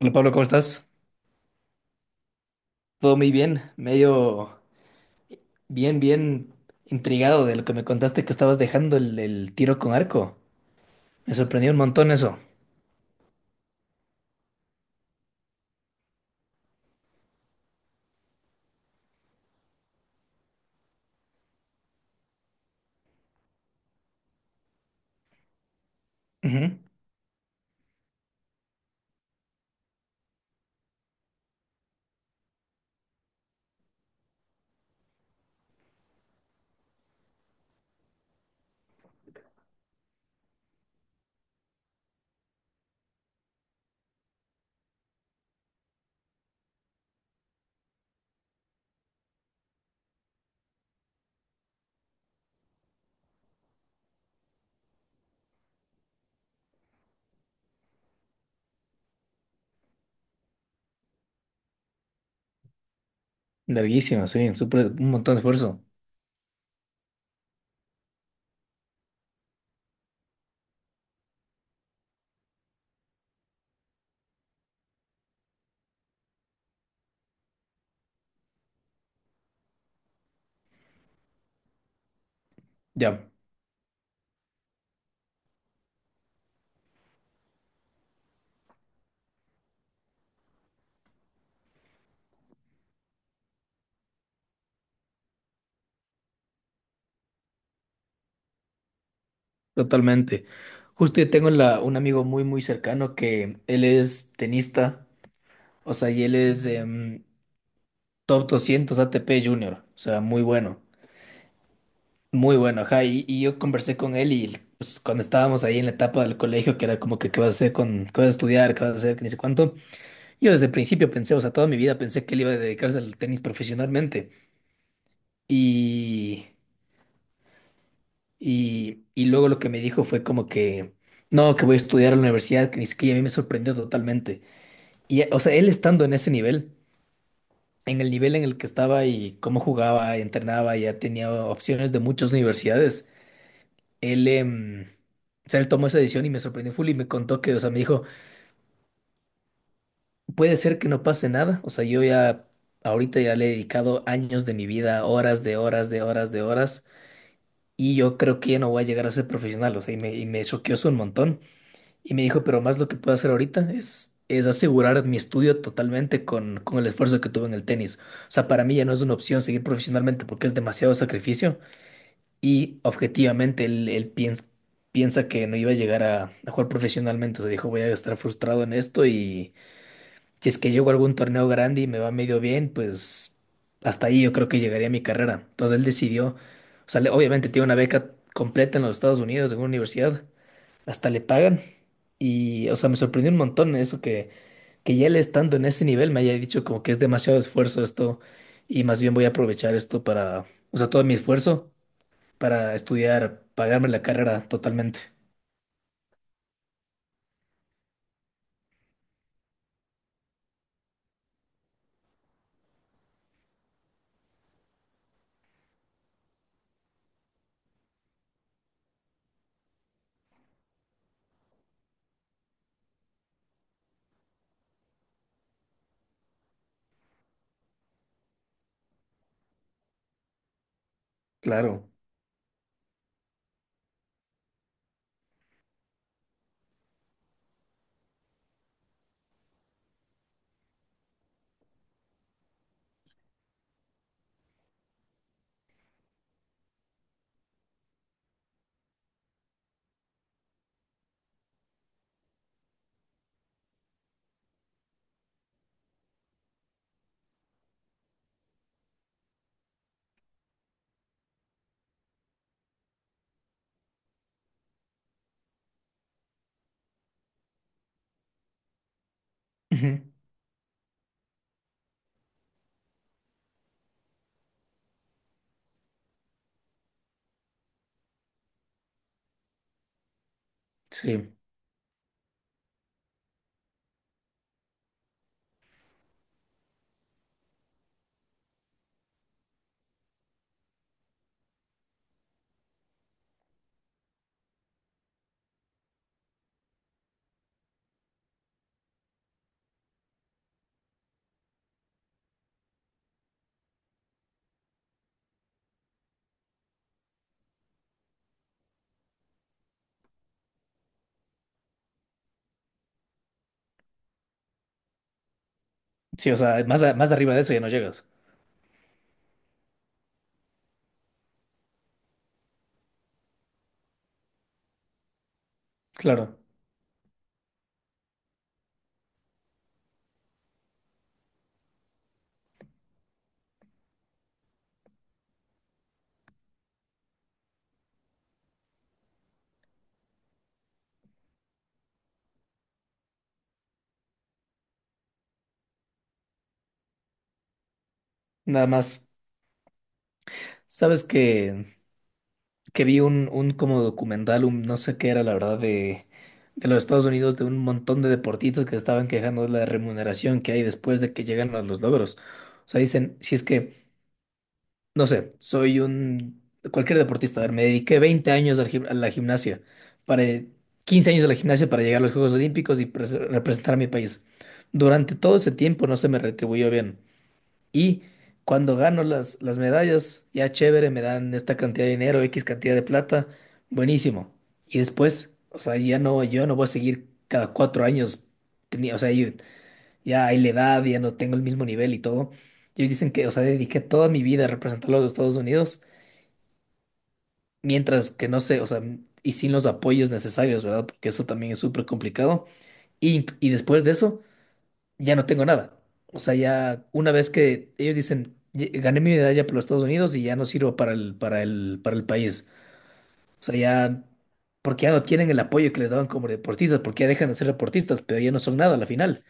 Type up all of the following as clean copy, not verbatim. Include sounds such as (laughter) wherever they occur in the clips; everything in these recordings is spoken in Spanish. Hola Pablo, ¿cómo estás? Todo muy bien, medio bien, bien intrigado de lo que me contaste que estabas dejando el tiro con arco. Me sorprendió un montón eso. Ujú. Larguísimo, sí, súper, un montón de esfuerzo. Ya, totalmente. Justo yo tengo un amigo muy, muy cercano que él es tenista, o sea, y él es top 200 ATP Junior, o sea, muy bueno. Muy bueno, ajá, y yo conversé con él y pues, cuando estábamos ahí en la etapa del colegio, que era como que qué vas a hacer con, qué vas a estudiar, qué vas a hacer, que ni sé cuánto, yo desde el principio pensé, o sea, toda mi vida pensé que él iba a dedicarse al tenis profesionalmente y, y luego lo que me dijo fue como que, no, que voy a estudiar a la universidad, que ni siquiera a mí me sorprendió totalmente. Y, o sea, él estando en ese nivel en el que estaba y cómo jugaba, entrenaba, ya tenía opciones de muchas universidades. Él, o sea, él tomó esa decisión y me sorprendió full y me contó que, o sea, me dijo, puede ser que no pase nada, o sea, yo ya, ahorita ya le he dedicado años de mi vida, horas de horas de horas de horas, y yo creo que ya no voy a llegar a ser profesional, o sea, y me choqueó eso un montón, y me dijo, pero más lo que puedo hacer ahorita es asegurar mi estudio totalmente con el esfuerzo que tuve en el tenis, o sea, para mí ya no es una opción seguir profesionalmente porque es demasiado sacrificio. Y objetivamente él piensa que no iba a llegar a jugar profesionalmente. O sea, dijo, voy a estar frustrado en esto y si es que llego a algún torneo grande y me va medio bien, pues hasta ahí yo creo que llegaría a mi carrera. Entonces él decidió, o sea, obviamente tiene una beca completa en los Estados Unidos, en una universidad, hasta le pagan. Y, o sea, me sorprendió un montón eso que ya él estando en ese nivel me haya dicho como que es demasiado esfuerzo esto y más bien voy a aprovechar esto para, o sea, todo mi esfuerzo para estudiar, pagarme la carrera totalmente. Claro. Ujú. Sí. Sí, o sea, más, más arriba de eso ya no llegas. Claro. Nada más. Sabes que vi un como documental, un no sé qué era, la verdad, de los Estados Unidos, de un montón de deportistas que estaban quejando de la remuneración que hay después de que llegan a los logros. O sea, dicen, si es que no sé, soy un cualquier deportista. A ver, me dediqué 20 años al a la gimnasia, para 15 años a la gimnasia para llegar a los Juegos Olímpicos y representar a mi país. Durante todo ese tiempo no se me retribuyó bien. Y cuando gano las medallas, ya chévere, me dan esta cantidad de dinero, X cantidad de plata, buenísimo. Y después, o sea, ya no, yo no voy a seguir cada 4 años, tenía, o sea, yo ya hay la edad, ya no tengo el mismo nivel y todo. Ellos dicen que, o sea, dediqué toda mi vida a representar a los Estados Unidos, mientras que no sé, o sea, y sin los apoyos necesarios, ¿verdad? Porque eso también es súper complicado. Y después de eso, ya no tengo nada. O sea, ya una vez que ellos dicen, gané mi medalla por los Estados Unidos y ya no sirvo para el país. O sea, ya, porque ya no tienen el apoyo que les daban como deportistas, porque ya dejan de ser deportistas, pero ya no son nada a la final.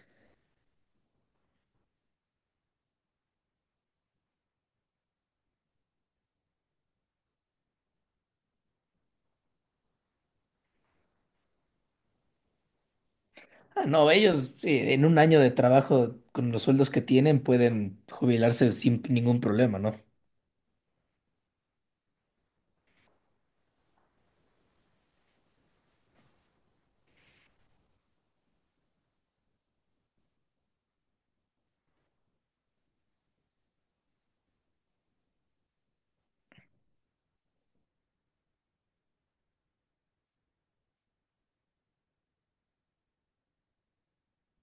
Ah, no, ellos en un año de trabajo con los sueldos que tienen pueden jubilarse sin ningún problema, ¿no?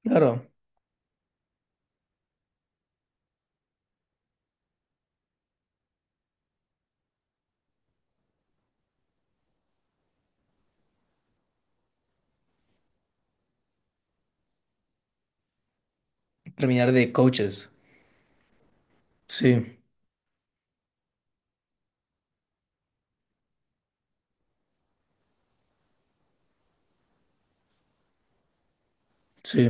Claro, terminar de coaches. Sí, sí,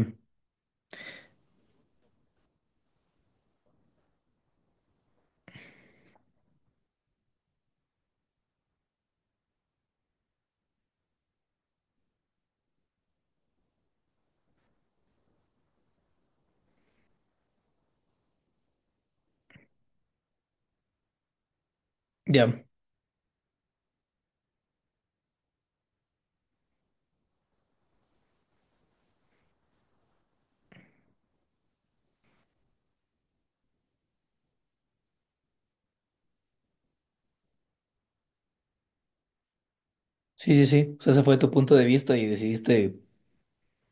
ya. Sí, sí, sí. O sea, ese fue tu punto de vista y decidiste,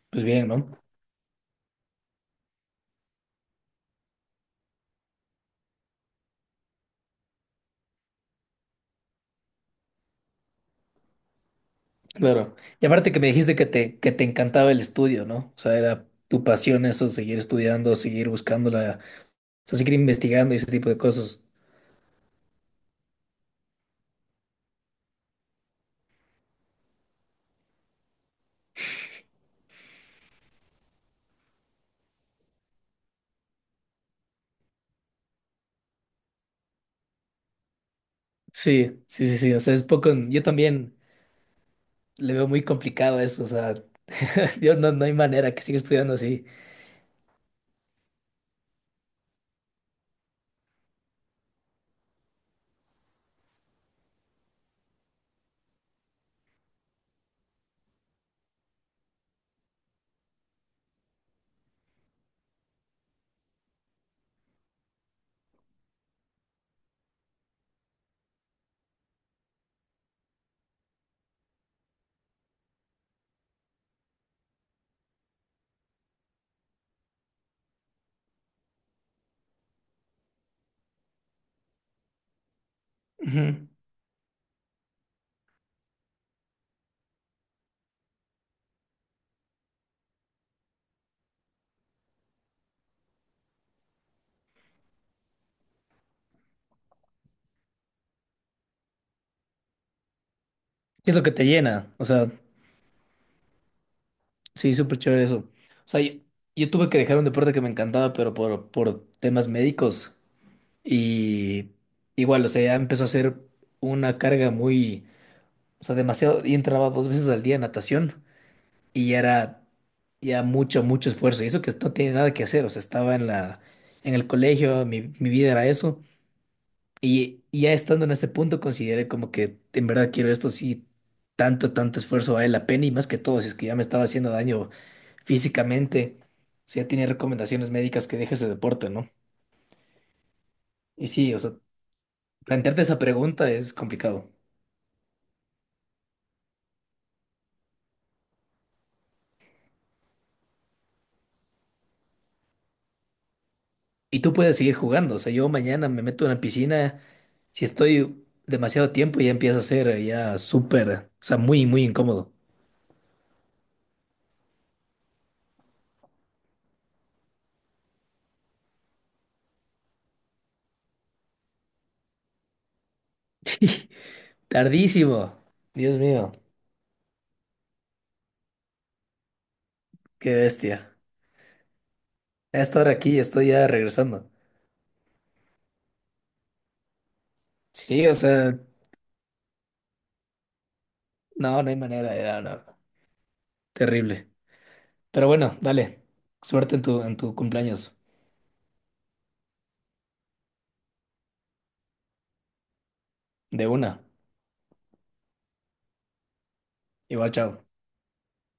pues bien, ¿no? Claro. Y aparte que me dijiste que que te encantaba el estudio, ¿no? O sea, era tu pasión eso, seguir estudiando, seguir buscándola, o sea, seguir investigando y ese tipo de cosas. Sí, sí, sí, sí. O sea, es poco. Yo también. Le veo muy complicado eso, o sea, (laughs) yo no, no hay manera que siga estudiando así. Ujú. ¿Qué es lo que te llena? O sea, sí, súper chévere eso. O sea, yo tuve que dejar un deporte que me encantaba, pero por temas médicos. Y igual, o sea, ya empezó a ser una carga muy, o sea, demasiado. Yo entraba dos veces al día en natación y ya era ya mucho, mucho esfuerzo. Y eso que no tiene nada que hacer, o sea, estaba en el colegio, mi vida era eso. Y ya estando en ese punto, consideré como que en verdad quiero esto, sí, tanto, tanto esfuerzo vale la pena y más que todo, si es que ya me estaba haciendo daño físicamente, si ya tiene recomendaciones médicas que deje ese deporte, ¿no? Y sí, o sea, plantearte esa pregunta es complicado. Y tú puedes seguir jugando, o sea, yo mañana me meto en la piscina, si estoy demasiado tiempo ya empieza a ser ya súper, o sea, muy, muy incómodo. (laughs) Tardísimo. Dios mío, qué bestia. A esta hora aquí estoy ya regresando. Sí, o sea, no, no hay manera, era no, terrible. Pero bueno, dale, suerte en en tu cumpleaños. De una. Igual, chao.